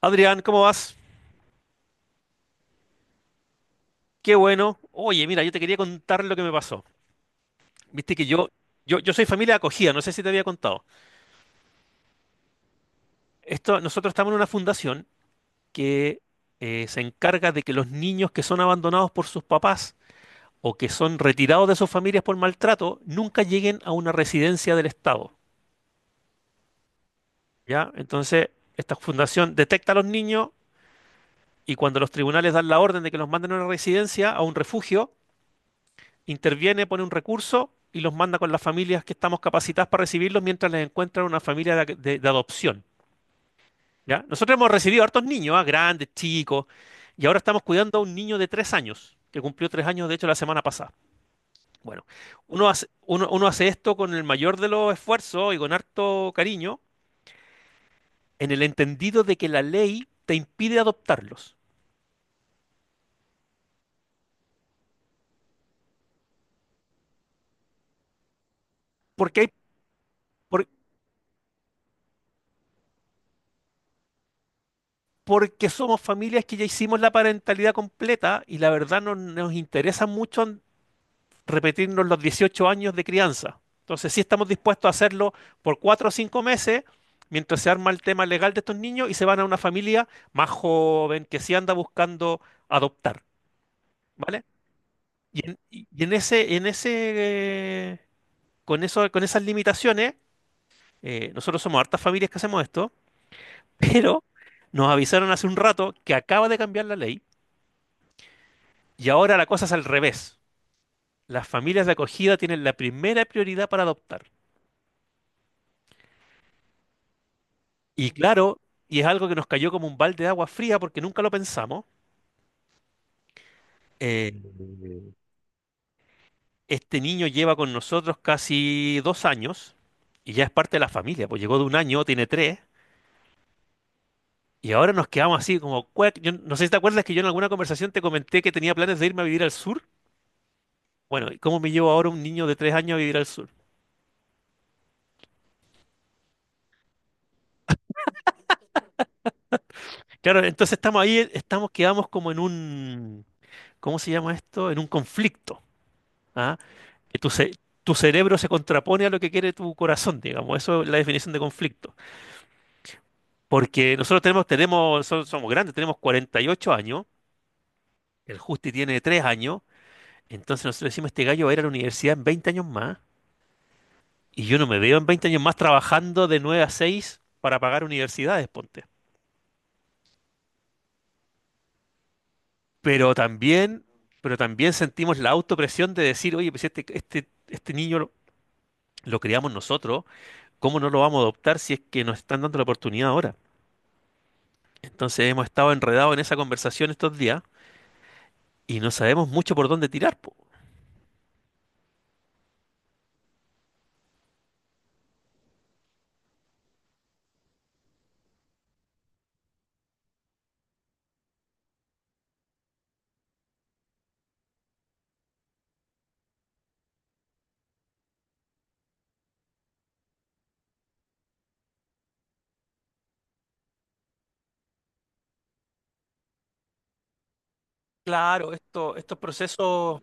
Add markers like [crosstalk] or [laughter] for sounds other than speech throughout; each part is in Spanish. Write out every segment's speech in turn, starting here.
Adrián, ¿cómo vas? Qué bueno. Oye, mira, yo te quería contar lo que me pasó. Viste que yo soy familia de acogida, no sé si te había contado. Esto, nosotros estamos en una fundación que se encarga de que los niños que son abandonados por sus papás o que son retirados de sus familias por maltrato nunca lleguen a una residencia del Estado. ¿Ya? Entonces, esta fundación detecta a los niños y cuando los tribunales dan la orden de que los manden a una residencia, a un refugio, interviene, pone un recurso y los manda con las familias que estamos capacitadas para recibirlos mientras les encuentran una familia de adopción. ¿Ya? Nosotros hemos recibido hartos niños, ¿ah? Grandes, chicos, y ahora estamos cuidando a un niño de tres años, que cumplió tres años, de hecho, la semana pasada. Bueno, uno hace esto con el mayor de los esfuerzos y con harto cariño, en el entendido de que la ley te impide adoptarlos. Porque por- porque somos familias que ya hicimos la parentalidad completa y la verdad no nos interesa mucho repetirnos los 18 años de crianza. Entonces, sí estamos dispuestos a hacerlo por cuatro o cinco meses, mientras se arma el tema legal de estos niños y se van a una familia más joven que sí anda buscando adoptar, ¿vale? Y en, y en ese, en ese, eh, con eso, con esas limitaciones, nosotros somos hartas familias que hacemos esto, [laughs] pero nos avisaron hace un rato que acaba de cambiar la ley y ahora la cosa es al revés. Las familias de acogida tienen la primera prioridad para adoptar. Y claro, y es algo que nos cayó como un balde de agua fría porque nunca lo pensamos. eh, este niño lleva con nosotros casi dos años y ya es parte de la familia, pues llegó de un año, tiene tres, y ahora nos quedamos así como, cuec. Yo no sé si te acuerdas que yo en alguna conversación te comenté que tenía planes de irme a vivir al sur. Bueno, ¿y cómo me llevo ahora un niño de tres años a vivir al sur? Claro, entonces estamos ahí, estamos, quedamos como en un, ¿cómo se llama esto? En un conflicto, ¿ah? que tu, ce- Tu cerebro se contrapone a lo que quiere tu corazón, digamos. Eso es la definición de conflicto. Porque nosotros somos grandes, tenemos 48 años, el Justi tiene 3 años, entonces nosotros decimos, este gallo va a ir a la universidad en 20 años más, y yo no me veo en 20 años más trabajando de 9 a 6 para pagar universidades, ponte. Pero también, pero también sentimos la autopresión de decir, oye, pues este niño lo criamos nosotros, ¿cómo no lo vamos a adoptar si es que nos están dando la oportunidad ahora? Entonces hemos estado enredados en esa conversación estos días y no sabemos mucho por dónde tirar, po. Claro, esto, estos procesos.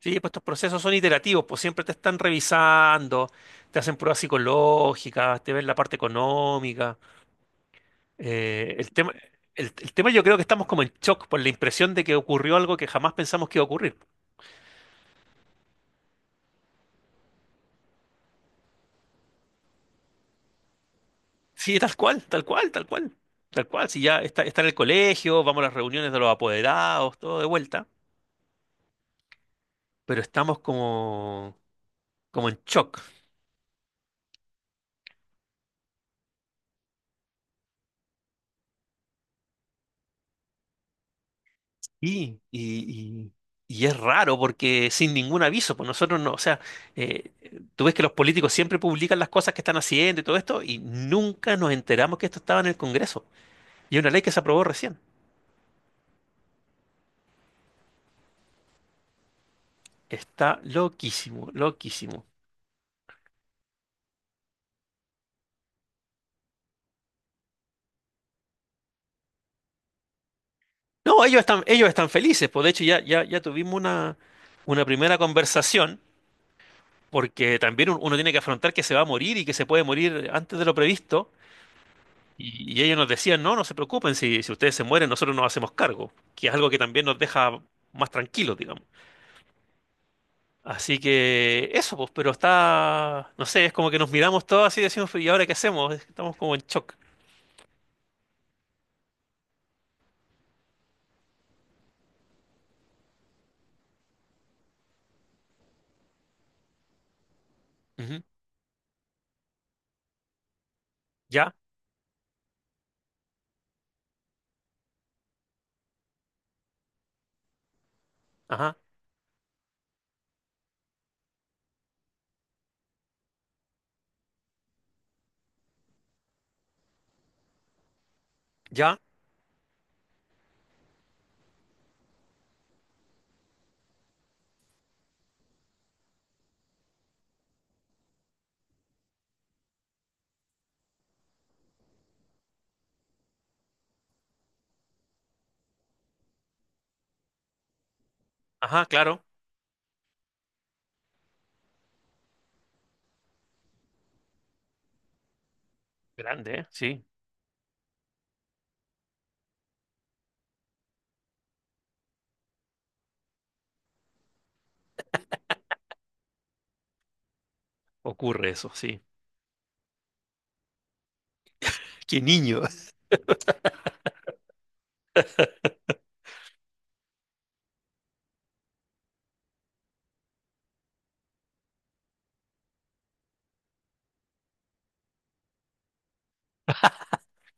Sí, pues estos procesos son iterativos, pues siempre te están revisando, te hacen pruebas psicológicas, te ven la parte económica. Eh, el tema, el tema yo creo que estamos como en shock por la impresión de que ocurrió algo que jamás pensamos que iba a ocurrir. Sí, tal cual, tal cual, tal cual, tal cual. Si ya está, está en el colegio, vamos a las reuniones de los apoderados, todo de vuelta, pero estamos como, como en shock. Y, y, y- y es raro porque sin ningún aviso, pues nosotros no, o sea, eh, tú ves que los políticos siempre publican las cosas que están haciendo y todo esto, y nunca nos enteramos que esto estaba en el Congreso. Y es una ley que se aprobó recién. Está loquísimo, loquísimo. No, ellos están felices, pues de hecho ya tuvimos una primera conversación, porque también uno tiene que afrontar que se va a morir y que se puede morir antes de lo previsto. Y ellos nos decían, no, no se preocupen, si, si ustedes se mueren, nosotros nos hacemos cargo, que es algo que también nos deja más tranquilos, digamos. Así que eso, pues, pero está, no sé, es como que nos miramos todos así y decimos, ¿y ahora qué hacemos? Estamos como en shock. Ujú. Ya, ajá, ya, ajá, claro. Grande, ¿eh? Sí, ocurre eso, sí. Qué niño,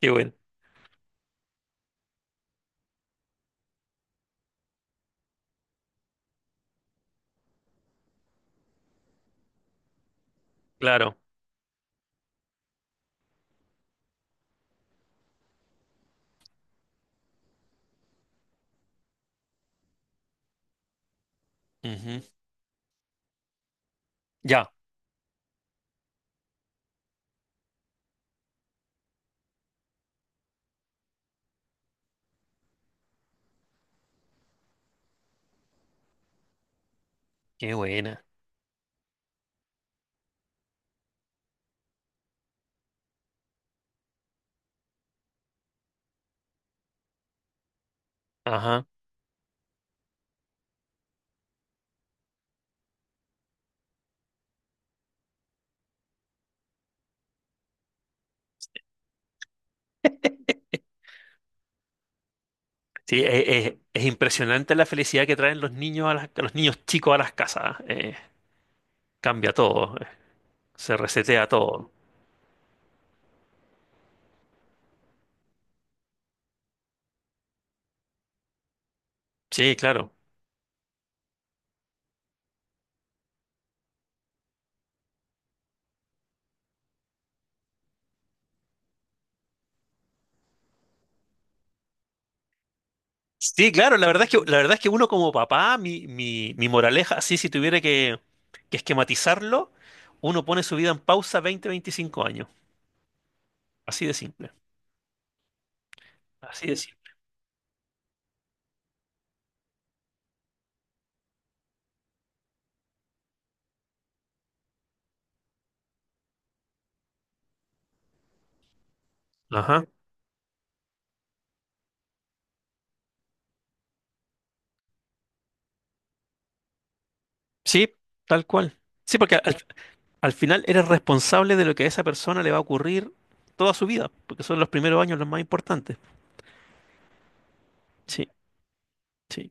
[laughs] qué bueno. Claro. Ujú. Ya, qué buena. Ajá. Sí, es, impresionante la felicidad que traen los niños a las- los niños chicos a las casas. ¿Eh? Cambia todo. Se resetea todo. Sí, claro. Sí, claro, la verdad es que, la verdad es que uno como papá, mi moraleja, así si tuviera que esquematizarlo, uno pone su vida en pausa 20, 25 años. Así de simple. Así de simple. Ajá. Sí, tal cual. Sí, porque al final eres responsable de lo que a esa persona le va a ocurrir toda su vida, porque son los primeros años los más importantes. Sí, sí.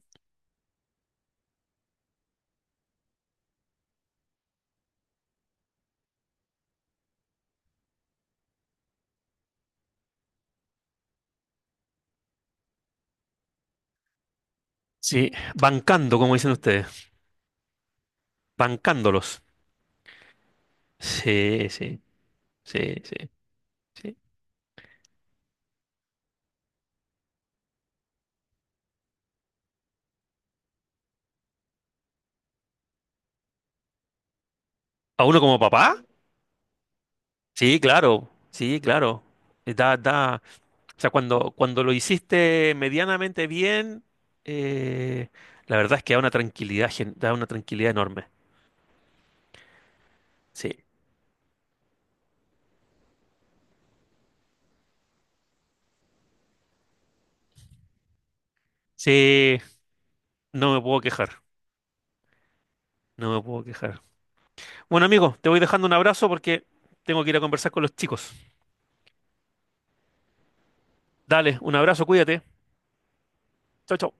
Sí, bancando, como dicen ustedes, bancándolos. Sí, sí, sí, sí, sí. ¿A uno como papá? Sí, claro, sí, claro. Eh, Da, da, o sea, cuando, cuando lo hiciste medianamente bien, eh, la verdad es que da una tranquilidad, da una tranquilidad enorme. Sí, sí, no me puedo quejar, no me puedo quejar. Bueno, amigo, te voy dejando un abrazo porque tengo que ir a conversar con los chicos. Dale, un abrazo, cuídate. Chao, chao.